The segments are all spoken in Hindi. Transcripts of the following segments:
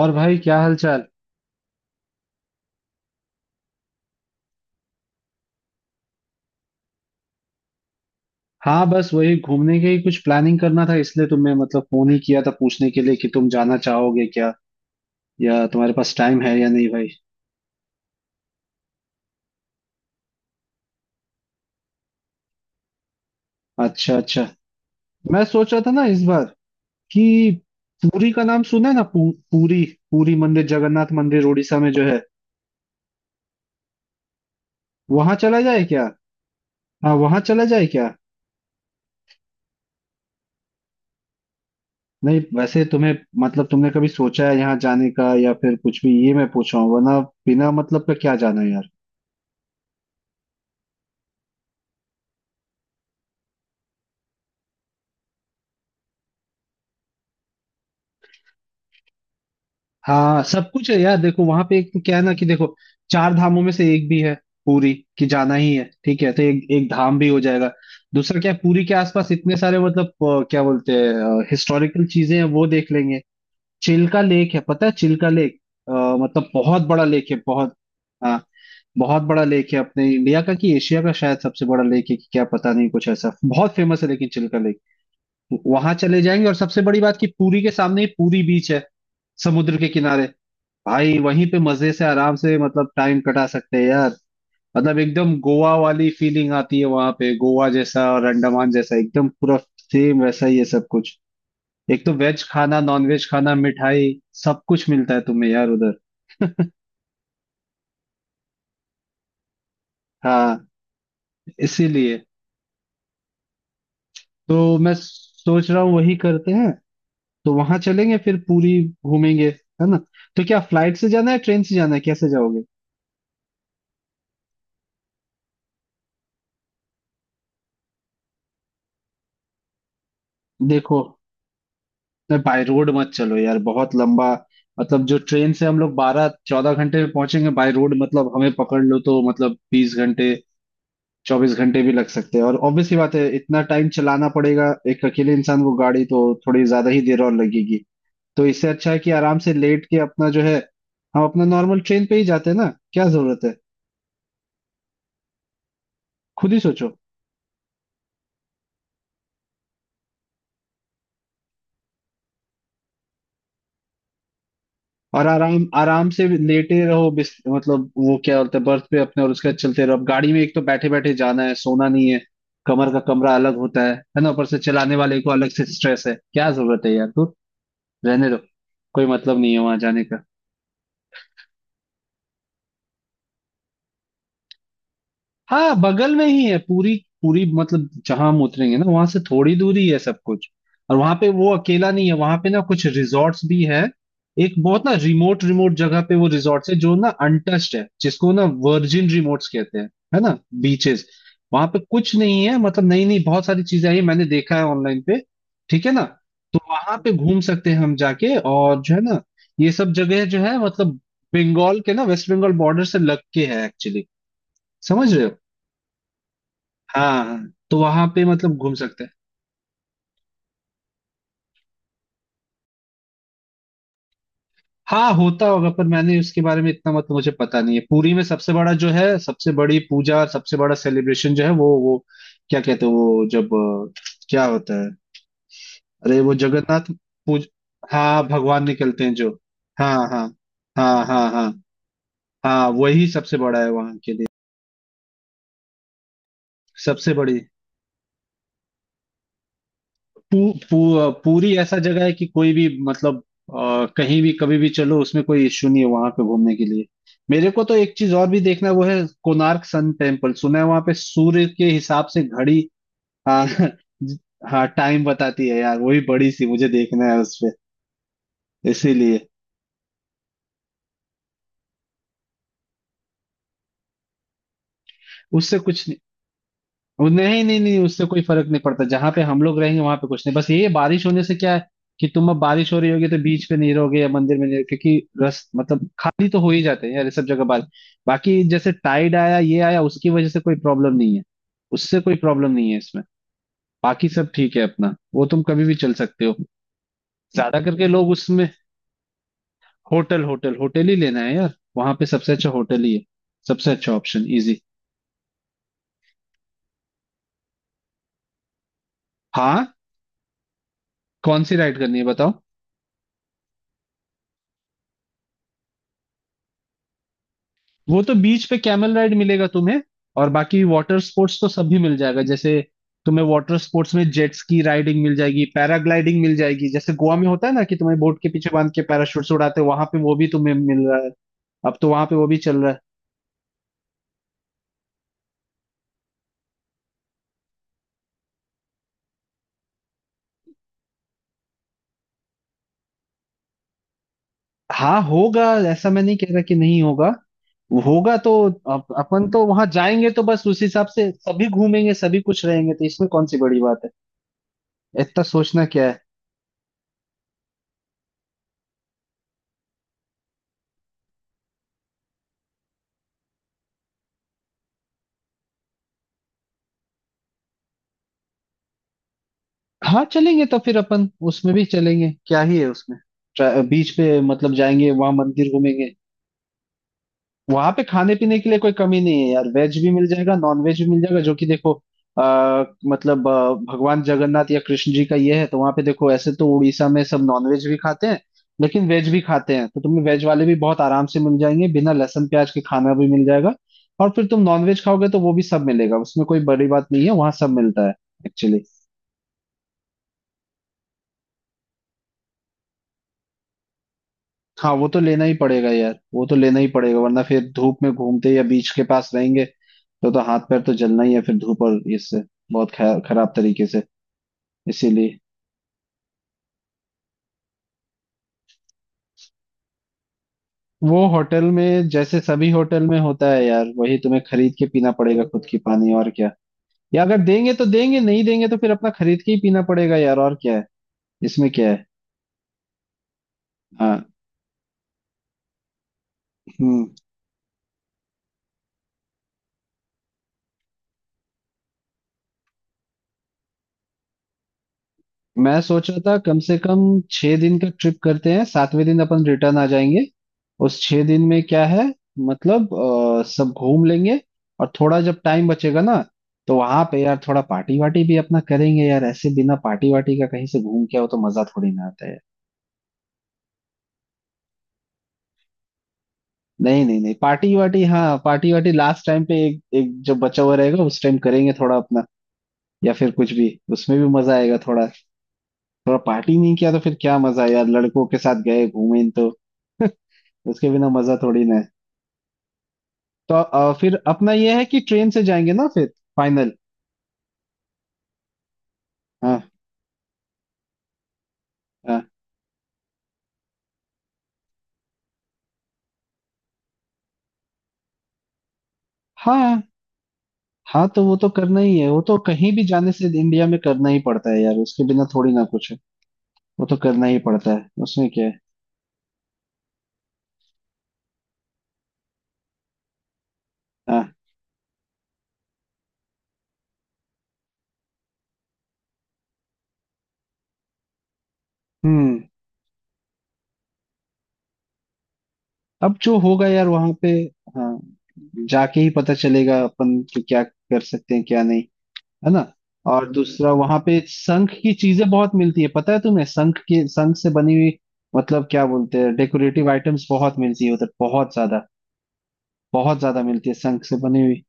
और भाई क्या हाल चाल। हाँ, बस वही घूमने के ही कुछ प्लानिंग करना था, इसलिए तुम्हें मतलब फोन ही किया था पूछने के लिए कि तुम जाना चाहोगे क्या, या तुम्हारे पास टाइम है या नहीं भाई। अच्छा अच्छा। मैं सोच रहा था ना इस बार कि पुरी का नाम सुना है ना। पूरी, पूरी मंदिर, जगन्नाथ मंदिर उड़ीसा में जो है। वहां चला जाए क्या? हाँ, वहां चला जाए क्या? नहीं वैसे तुम्हें मतलब तुमने कभी सोचा है यहाँ जाने का या फिर कुछ भी, ये मैं पूछ रहा हूँ वरना बिना मतलब का क्या जाना यार। हाँ, सब कुछ है यार। देखो वहां पे एक क्या है ना कि देखो, चार धामों में से एक भी है पूरी। कि जाना ही है, ठीक है, तो एक एक धाम भी हो जाएगा। दूसरा क्या है, पूरी के आसपास इतने सारे मतलब, क्या बोलते हैं हिस्टोरिकल चीजें हैं, वो देख लेंगे। चिल्का लेक है, पता है, चिल्का लेक? अ, मतलब बहुत बड़ा लेक है, बहुत। हाँ, बहुत बड़ा लेक है अपने इंडिया का कि एशिया का, शायद सबसे बड़ा लेक है कि क्या पता नहीं, कुछ ऐसा बहुत फेमस है लेकिन चिल्का लेक। वहां चले जाएंगे, और सबसे बड़ी बात कि पूरी के सामने ही पूरी बीच है, समुद्र के किनारे। भाई वहीं पे मजे से आराम से मतलब टाइम कटा सकते हैं यार। मतलब एकदम गोवा वाली फीलिंग आती है वहां पे, गोवा जैसा और अंडमान जैसा, एकदम पूरा सेम वैसा ही है सब कुछ। एक तो वेज खाना, नॉन वेज खाना, मिठाई, सब कुछ मिलता है तुम्हें यार उधर। हाँ, इसीलिए तो मैं सोच रहा हूँ वही करते हैं। तो वहां चलेंगे फिर पूरी घूमेंगे, है ना। तो क्या फ्लाइट से जाना है, ट्रेन से जाना है, कैसे जाओगे? देखो, नहीं बाय रोड मत चलो यार, बहुत लंबा। मतलब जो ट्रेन से हम लोग 12-14 घंटे में पहुंचेंगे, बाय रोड मतलब हमें पकड़ लो तो मतलब 20 घंटे 24 घंटे भी लग सकते हैं, और ऑब्वियस सी बात है, इतना टाइम चलाना पड़ेगा एक अकेले इंसान को गाड़ी, तो थोड़ी ज्यादा ही देर और लगेगी। तो इससे अच्छा है कि आराम से लेट के अपना जो है, हम अपना नॉर्मल ट्रेन पे ही जाते हैं ना, क्या जरूरत है, खुद ही सोचो। और आराम आराम से लेटे रहो, बिस मतलब वो क्या बोलते हैं, बर्थ पे अपने, और उसके बाद चलते रहो। अब गाड़ी में एक तो बैठे बैठे जाना है, सोना नहीं है, कमर का कमरा अलग होता है ना, ऊपर से चलाने वाले को अलग से स्ट्रेस है, क्या जरूरत है यार, तू रहने दो, कोई मतलब नहीं है वहां जाने का। हाँ, बगल में ही है पूरी। पूरी मतलब जहां हम उतरेंगे ना, वहां से थोड़ी दूरी है सब कुछ। और वहां पे वो अकेला नहीं है, वहां पे ना कुछ रिजॉर्ट्स भी है। एक बहुत ना रिमोट रिमोट जगह पे वो रिजॉर्ट्स है, जो ना अनटच्ड है, जिसको ना वर्जिन रिमोट्स कहते हैं, है ना, बीचेस। वहां पे कुछ नहीं है, मतलब नई नई बहुत सारी चीजें आई हैं, मैंने देखा है ऑनलाइन पे। ठीक है ना। तो वहां पे घूम सकते हैं हम जाके, और जो है ना ये सब जगह जो है मतलब बंगाल के ना, वेस्ट बंगाल बॉर्डर से लग के है एक्चुअली, समझ रहे हो। हाँ तो वहां पे मतलब घूम सकते हैं। हाँ होता होगा, पर मैंने उसके बारे में इतना मतलब मुझे पता नहीं है। पुरी में सबसे बड़ा जो है, सबसे बड़ी पूजा और सबसे बड़ा सेलिब्रेशन जो है, वो क्या कहते हैं, वो जब क्या होता है, अरे वो जगन्नाथ। पूज हाँ, भगवान निकलते हैं जो। हाँ हाँ हाँ, हाँ हाँ हाँ, वही सबसे बड़ा है वहां के लिए। सबसे बड़ी पू, पू, पूरी ऐसा जगह है कि कोई भी मतलब कहीं भी कभी भी चलो, उसमें कोई इश्यू नहीं है वहां पे घूमने के लिए। मेरे को तो एक चीज और भी देखना है, वो है कोणार्क सन टेम्पल, सुना है, वहां पे सूर्य के हिसाब से घड़ी। हाँ हाँ, टाइम बताती है यार, वही बड़ी सी मुझे देखना है उसपे, इसीलिए। उससे कुछ, वो, नहीं नहीं नहीं, उससे कोई फर्क नहीं पड़ता। जहां पे हम लोग रहेंगे वहां पे कुछ नहीं, बस ये है, बारिश होने से क्या है, कि तुम अब बारिश हो रही होगी तो बीच पे नहीं रहोगे या मंदिर में नहीं रहोगे, क्योंकि रस मतलब खाली तो हो ही जाते हैं यार ये सब जगह, बाल। बाकी जैसे टाइड आया ये आया उसकी वजह से कोई प्रॉब्लम नहीं है, उससे कोई प्रॉब्लम नहीं है इसमें। बाकी सब ठीक है अपना, वो तुम कभी भी चल सकते हो, ज्यादा करके लोग उसमें। होटल होटल होटल ही लेना है यार, वहां पे सबसे अच्छा होटल ही है, सबसे अच्छा ऑप्शन इजी। हाँ, कौन सी राइड करनी है बताओ। वो तो बीच पे कैमल राइड मिलेगा तुम्हें, और बाकी वाटर स्पोर्ट्स तो सभी मिल जाएगा। जैसे तुम्हें वाटर स्पोर्ट्स में जेट्स की राइडिंग मिल जाएगी, पैराग्लाइडिंग मिल जाएगी, जैसे गोवा में होता है ना कि तुम्हें बोट के पीछे बांध के पैराशूट उड़ाते हैं वहां पे, वो भी तुम्हें मिल रहा है, अब तो वहां पे वो भी चल रहा है। हाँ होगा, ऐसा मैं नहीं कह रहा कि नहीं होगा, होगा तो। अपन तो वहां जाएंगे तो बस उस हिसाब से सभी घूमेंगे, सभी कुछ रहेंगे, तो इसमें कौन सी बड़ी बात है, इतना सोचना क्या है। हाँ चलेंगे तो फिर अपन उसमें भी चलेंगे, क्या ही है उसमें। बीच पे मतलब जाएंगे, वहां मंदिर घूमेंगे। वहां पे खाने पीने के लिए कोई कमी नहीं है यार, वेज भी मिल जाएगा, नॉन वेज भी मिल जाएगा, जो कि देखो आ, मतलब भगवान जगन्नाथ या कृष्ण जी का ये है, तो वहां पे देखो, ऐसे तो उड़ीसा में सब नॉन वेज भी खाते हैं, लेकिन वेज भी खाते हैं, तो तुम्हें वेज वाले भी बहुत आराम से मिल जाएंगे, बिना लहसुन प्याज के खाना भी मिल जाएगा। और फिर तुम नॉन वेज खाओगे तो वो भी सब मिलेगा, उसमें कोई बड़ी बात नहीं है, वहां सब मिलता है। एक्चुअली हाँ, वो तो लेना ही पड़ेगा यार, वो तो लेना ही पड़ेगा, वरना फिर धूप में घूमते या बीच के पास रहेंगे तो, हाथ पैर तो जलना ही है, फिर धूप और इससे बहुत खराब तरीके से। इसीलिए, वो होटल में जैसे सभी होटल में होता है यार, वही तुम्हें खरीद के पीना पड़ेगा खुद की पानी, और क्या। या अगर देंगे तो देंगे, नहीं देंगे तो फिर अपना खरीद के ही पीना पड़ेगा यार, और क्या है इसमें, क्या है। हाँ। हम्म। मैं सोच रहा था कम से कम 6 दिन का ट्रिप करते हैं, सातवें दिन अपन रिटर्न आ जाएंगे, उस 6 दिन में क्या है, मतलब सब घूम लेंगे। और थोड़ा जब टाइम बचेगा ना, तो वहां पे यार थोड़ा पार्टी वार्टी भी अपना करेंगे यार, ऐसे बिना पार्टी वार्टी का कहीं से घूम के आओ तो मजा थोड़ी ना आता है। नहीं नहीं नहीं, पार्टी वार्टी, हाँ पार्टी वार्टी लास्ट टाइम पे, एक एक जब बचा हुआ रहेगा उस टाइम करेंगे थोड़ा अपना, या फिर कुछ भी, उसमें भी मजा आएगा थोड़ा। थोड़ा पार्टी नहीं किया तो फिर क्या मजा है यार, लड़कों के साथ गए घूमे तो। उसके बिना मजा थोड़ी ना है। तो फिर अपना ये है कि ट्रेन से जाएंगे ना फिर, फाइनल। हाँ हाँ हाँ हाँ, तो वो तो करना ही है, वो तो कहीं भी जाने से इंडिया में करना ही पड़ता है यार, उसके बिना थोड़ी ना कुछ है, वो तो करना ही पड़ता है, उसमें क्या है। हाँ। हम्म। अब जो होगा यार वहां पे, हाँ, जाके ही पता चलेगा अपन कि क्या कर सकते हैं क्या नहीं, है ना। और दूसरा वहां पे शंख की चीजें बहुत मिलती है, पता है तुम्हें, शंख के, शंख से बनी हुई मतलब क्या बोलते हैं, डेकोरेटिव आइटम्स बहुत मिलती है उधर, बहुत ज्यादा, बहुत ज्यादा मिलती है शंख से बनी हुई।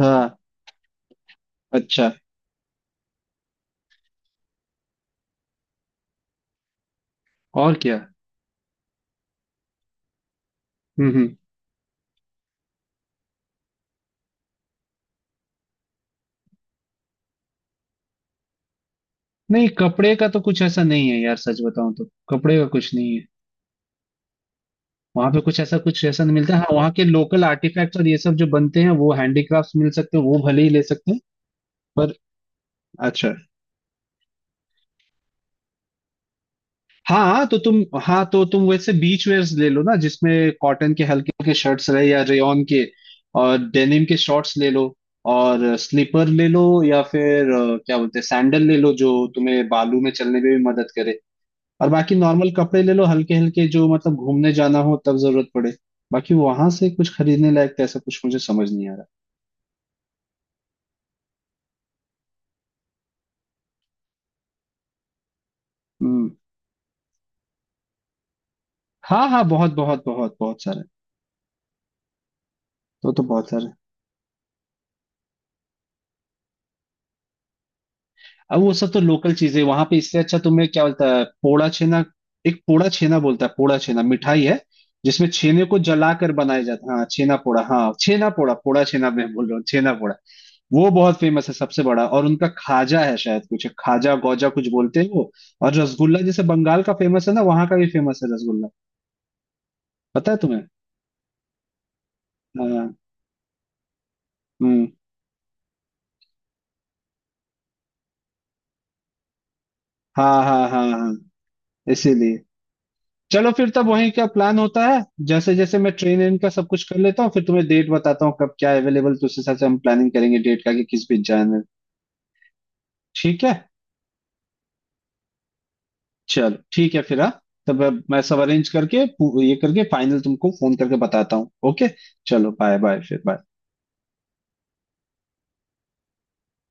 हाँ, अच्छा, और क्या। हम्म। नहीं, कपड़े का तो कुछ ऐसा नहीं है यार, सच बताऊं तो कपड़े का कुछ नहीं है, वहां पे कुछ ऐसा नहीं मिलता है। हाँ, वहाँ के लोकल आर्टिफैक्ट्स और ये सब जो बनते हैं, वो हैंडीक्राफ्ट्स मिल सकते हैं, वो भले ही ले सकते हैं पर। अच्छा, हाँ हाँ, तो तुम वैसे बीच वेयर्स ले लो ना, जिसमें कॉटन के हल्के हल्के शर्ट्स रहे या रेयॉन के, और डेनिम के शॉर्ट्स ले लो, और स्लीपर ले लो या फिर क्या बोलते हैं सैंडल ले लो, जो तुम्हें बालू में चलने में भी मदद करे, और बाकी नॉर्मल कपड़े ले लो, हल्के हल्के, जो मतलब घूमने जाना हो तब जरूरत पड़े। बाकी वहां से कुछ खरीदने लायक तो ऐसा कुछ मुझे समझ नहीं आ रहा। हम्म। हाँ हाँ, बहुत बहुत बहुत बहुत सारे। तो बहुत सारे, अब वो सब तो लोकल चीजें वहां पे। इससे अच्छा तुम्हें क्या बोलता है, पोड़ा छेना, एक पोड़ा छेना बोलता है, पोड़ा छेना मिठाई है, जिसमें छेने को जलाकर बनाया जाता है। हाँ, छेना पोड़ा, हाँ छेना पोड़ा, पोड़ा छेना मैं बोल रहा हूँ, छेना पोड़ा। वो बहुत फेमस है सबसे बड़ा, और उनका खाजा है शायद, कुछ खाजा गौजा कुछ बोलते हैं वो, और रसगुल्ला जैसे बंगाल का फेमस है ना, वहां का भी फेमस है रसगुल्ला, पता है तुम्हें। हाँ, हम्म, हाँ हाँ हाँ हाँ, इसीलिए चलो फिर तब वहीं का प्लान होता है। जैसे जैसे मैं ट्रेन इन का सब कुछ कर लेता हूँ, फिर तुम्हें डेट बताता हूँ कब क्या अवेलेबल, तो उस हिसाब से हम प्लानिंग करेंगे डेट का कि किस बीच जाना है। ठीक है। चलो, ठीक है फिर, हाँ, तब अब मैं सब अरेंज करके ये करके फाइनल तुमको फोन करके बताता हूँ, ओके। चलो बाय बाय फिर, बाय।